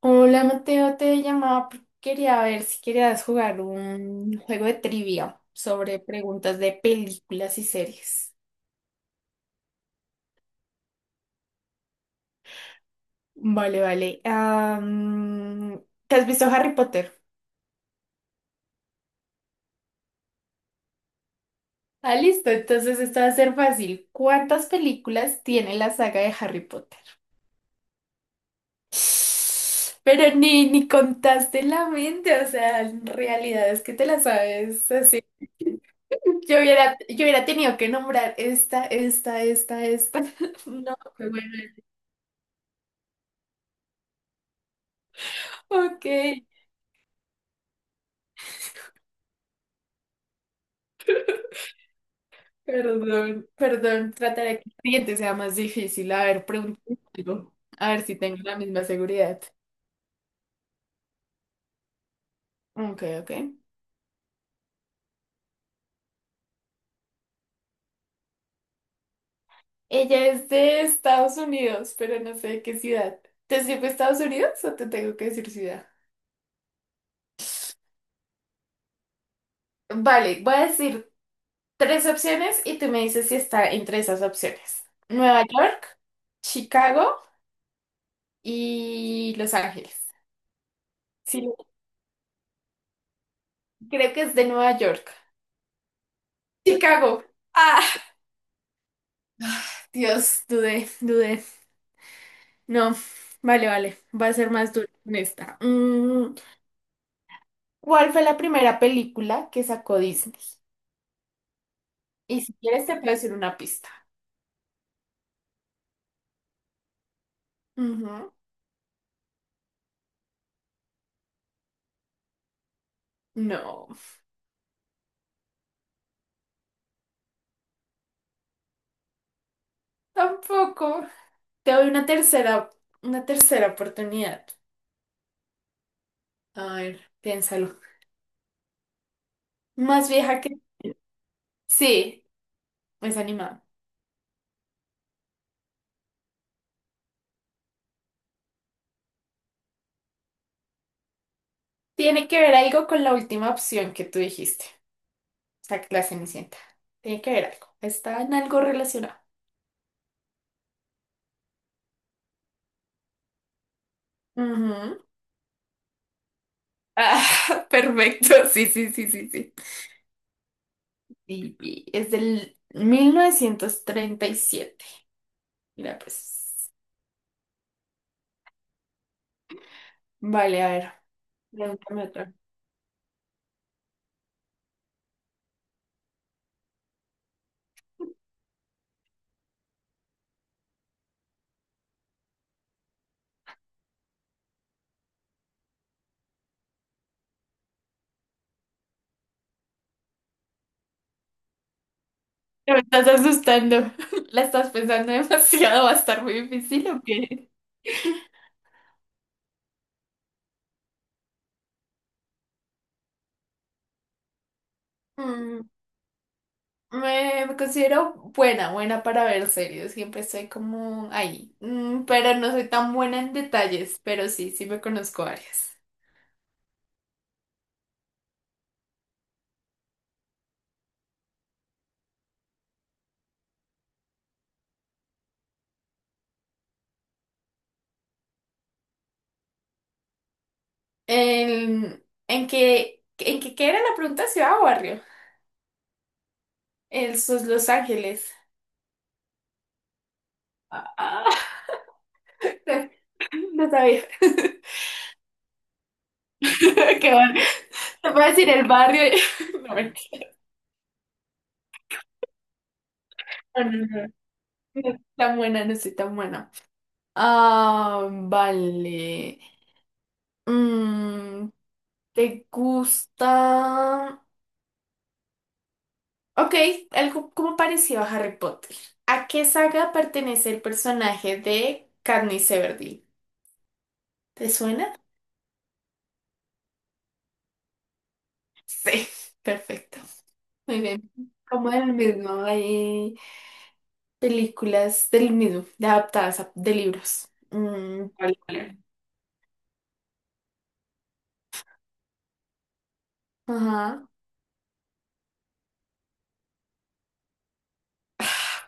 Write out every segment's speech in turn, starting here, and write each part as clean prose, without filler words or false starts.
Hola Mateo, te llamaba porque quería ver si querías jugar un juego de trivia sobre preguntas de películas y series. Vale, vale. ¿Te has visto Harry Potter? Ah, listo, entonces esto va a ser fácil. ¿Cuántas películas tiene la saga de Harry Potter? Pero ni contaste la mente, o sea, en realidad es que te la sabes así. Yo hubiera tenido que nombrar esta. No, ok, perdón, perdón, trataré que el siguiente sea más difícil. A ver, pregúntame algo, a ver si tengo la misma seguridad. Ok, ok. Ella es de Estados Unidos, pero no sé de qué ciudad. ¿Te sirve Estados Unidos o te tengo que decir ciudad? Vale, voy a decir tres opciones y tú me dices si está entre esas opciones. Nueva York, Chicago y Los Ángeles. Sí, creo que es de Nueva York. Chicago. Ah, Dios, dudé, dudé. No, vale, vale, va a ser más duro con esta. ¿Cuál fue la primera película que sacó Disney? Y si quieres te puedo decir una pista. Ujú. No, tampoco. Te doy una tercera oportunidad. A ver, piénsalo. Más vieja que... Sí, es animada. Tiene que ver algo con la última opción que tú dijiste. O sea, que la Cenicienta. Tiene que ver algo. Está en algo relacionado. Ujú. Ah, perfecto. Sí, sí, sí, sí, sí. Y es del 1937. Mira, pues. Vale, a ver. Pregúntame otra. Te me estás asustando. La estás pensando demasiado. ¿Va a estar muy difícil o qué? Mm, me considero buena, buena para ver series. Siempre estoy como ahí. Pero no soy tan buena en detalles, pero sí, sí me conozco varias. ¿Qué era la pregunta? ¿Ciudad o barrio? El sus Los Ángeles. Ah, ah, no sabía. Qué bueno. Te voy a decir el barrio. No, mentira. No, no, no. No soy tan buena, no soy tan buena. Ah, vale. Mm, ¿Te gusta? Ok, algo como parecido a Harry Potter. ¿A qué saga pertenece el personaje de Katniss Everdeen? ¿Te suena? Sí, perfecto. Muy bien. Como el mismo, hay películas del mismo, de libros. Vale, vale. Ajá.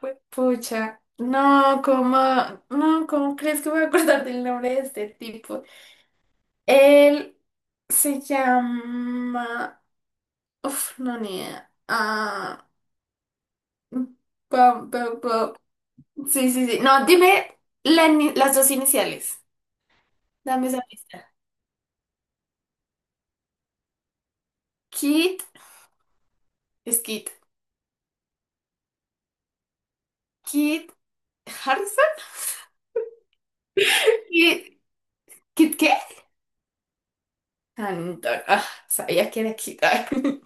Pues, pucha, no, no, ¿cómo crees que voy a acordar del nombre de este tipo? Él se llama... Uf, no, ni idea. Ah, Bob, Bob, Bob. Sí, sí, sí. No, dime la ni- las dos iniciales. Dame esa pista. Kit, es Kit. Kit Harrison. Kit, ¿Kit qué? Anton. Ah, sabía que era Kit.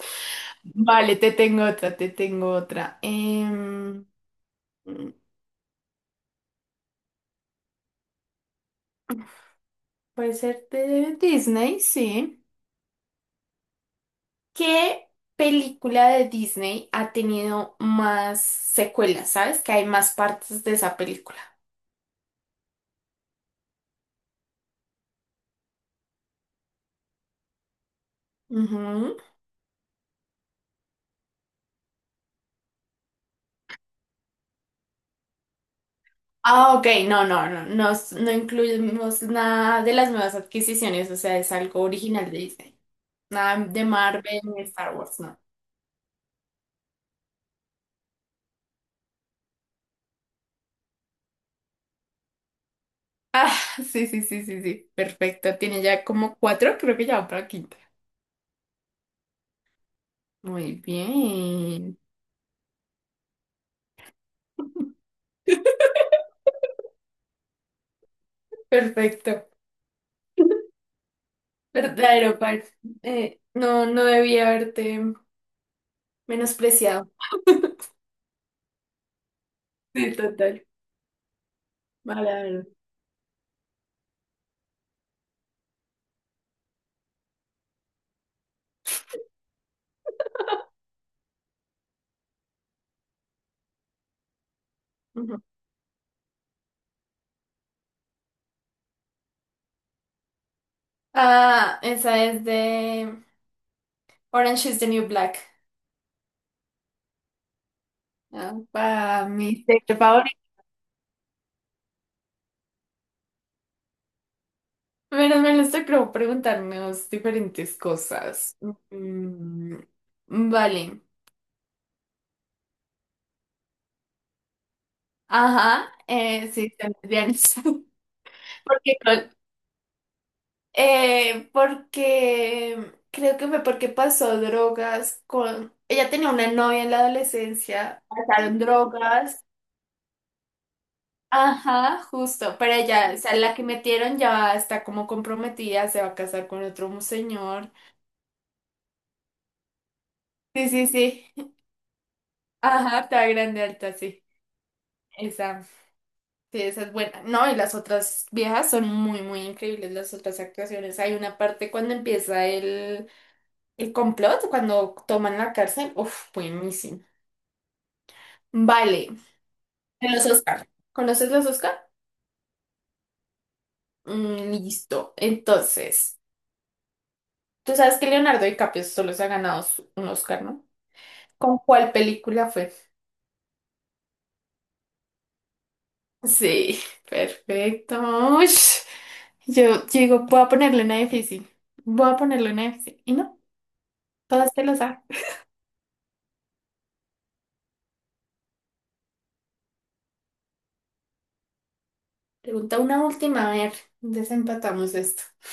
Vale, te tengo otra, te tengo otra. Puede ser de Disney, sí. ¿Qué película de Disney ha tenido más secuelas? ¿Sabes? Que hay más partes de esa película. Ujú. Ah, ok, no, no, no, no, no incluimos nada de las nuevas adquisiciones, o sea, es algo original de Disney. Nada de Marvel ni Star Wars, no. Sí, sí, sí, sí, sí, perfecto. Tiene ya como cuatro, creo que ya va para la quinta. Muy bien, perfecto. Verdadero, par. No, no debía haberte menospreciado. Sí, total. Verdadero. Ujú. Ah, esa es de Orange is the New Black. Ah, para mi serie favorita. Pero me les tocó preguntarnos diferentes cosas. Mm, vale. Ajá, sí, también. Porque porque creo que fue porque pasó drogas con... Ella tenía una novia en la adolescencia, pasaron drogas. Ajá, justo, pero ella, o sea, la que metieron ya está como comprometida, se va a casar con otro señor. Sí, sí, sí. Ajá, está grande, alta, sí. Esa, sí, esa es buena. No, y las otras viejas son muy, muy increíbles, las otras actuaciones. Hay una parte cuando empieza el complot, cuando toman la cárcel, uf, buenísimo. Vale, en los Oscar. ¿Conoces los Oscar? Mm, listo. Entonces, tú sabes que Leonardo DiCaprio solo se ha ganado un Oscar, ¿no? ¿Con cuál película fue? Sí, perfecto. Ush, yo digo, voy a ponerle una difícil. Voy a ponerle una difícil. Y no, todas te lo saben. Pregunta una última, a ver, desempatamos esto.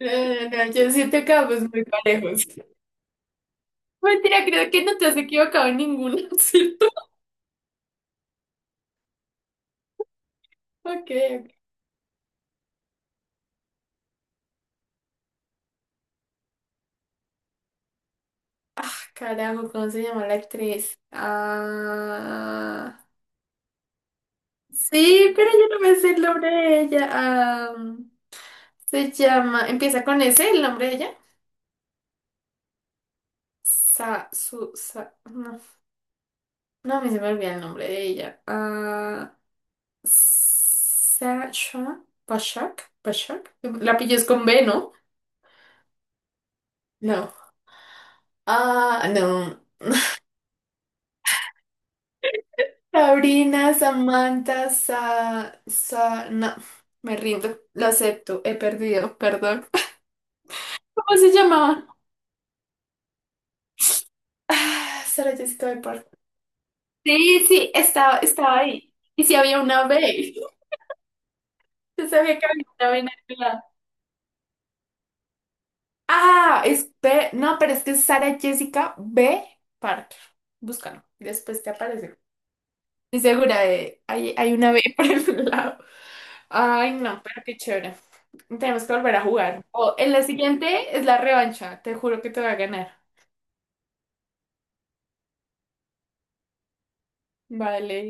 No, no, no, yo siento que vamos muy parejos. Mentira, creo que no te has equivocado en ninguna, ¿cierto? Ok, ok. Ah, carajo, ¿cómo se llama la actriz? Ah, sí, pero yo no me sé el nombre de ella. Ah, se llama, empieza con ese el nombre de ella. Sa, su, sa, no, no, a mí se me olvida el nombre de ella. Ah, Sasha, Bashak, Bashak. La pillas con B, ¿no? No. Ah, no. Sabrina, Samantha, Sa, Sa- no, me rindo, lo acepto, he perdido, perdón. ¿Cómo se llamaba? Ah, Sara Jessica Parker. Sí, sí, estaba ahí. Y si había una B. Yo sabía que había una B en el lado. Ah, es B. No, pero es que es Sara Jessica B. Parker. Búscalo. Después te aparece. Estoy segura de. Hay una B por el lado. Ay, no, pero qué chévere. Tenemos que volver a jugar. O en la siguiente es la revancha. Te juro que te voy a ganar. Vale.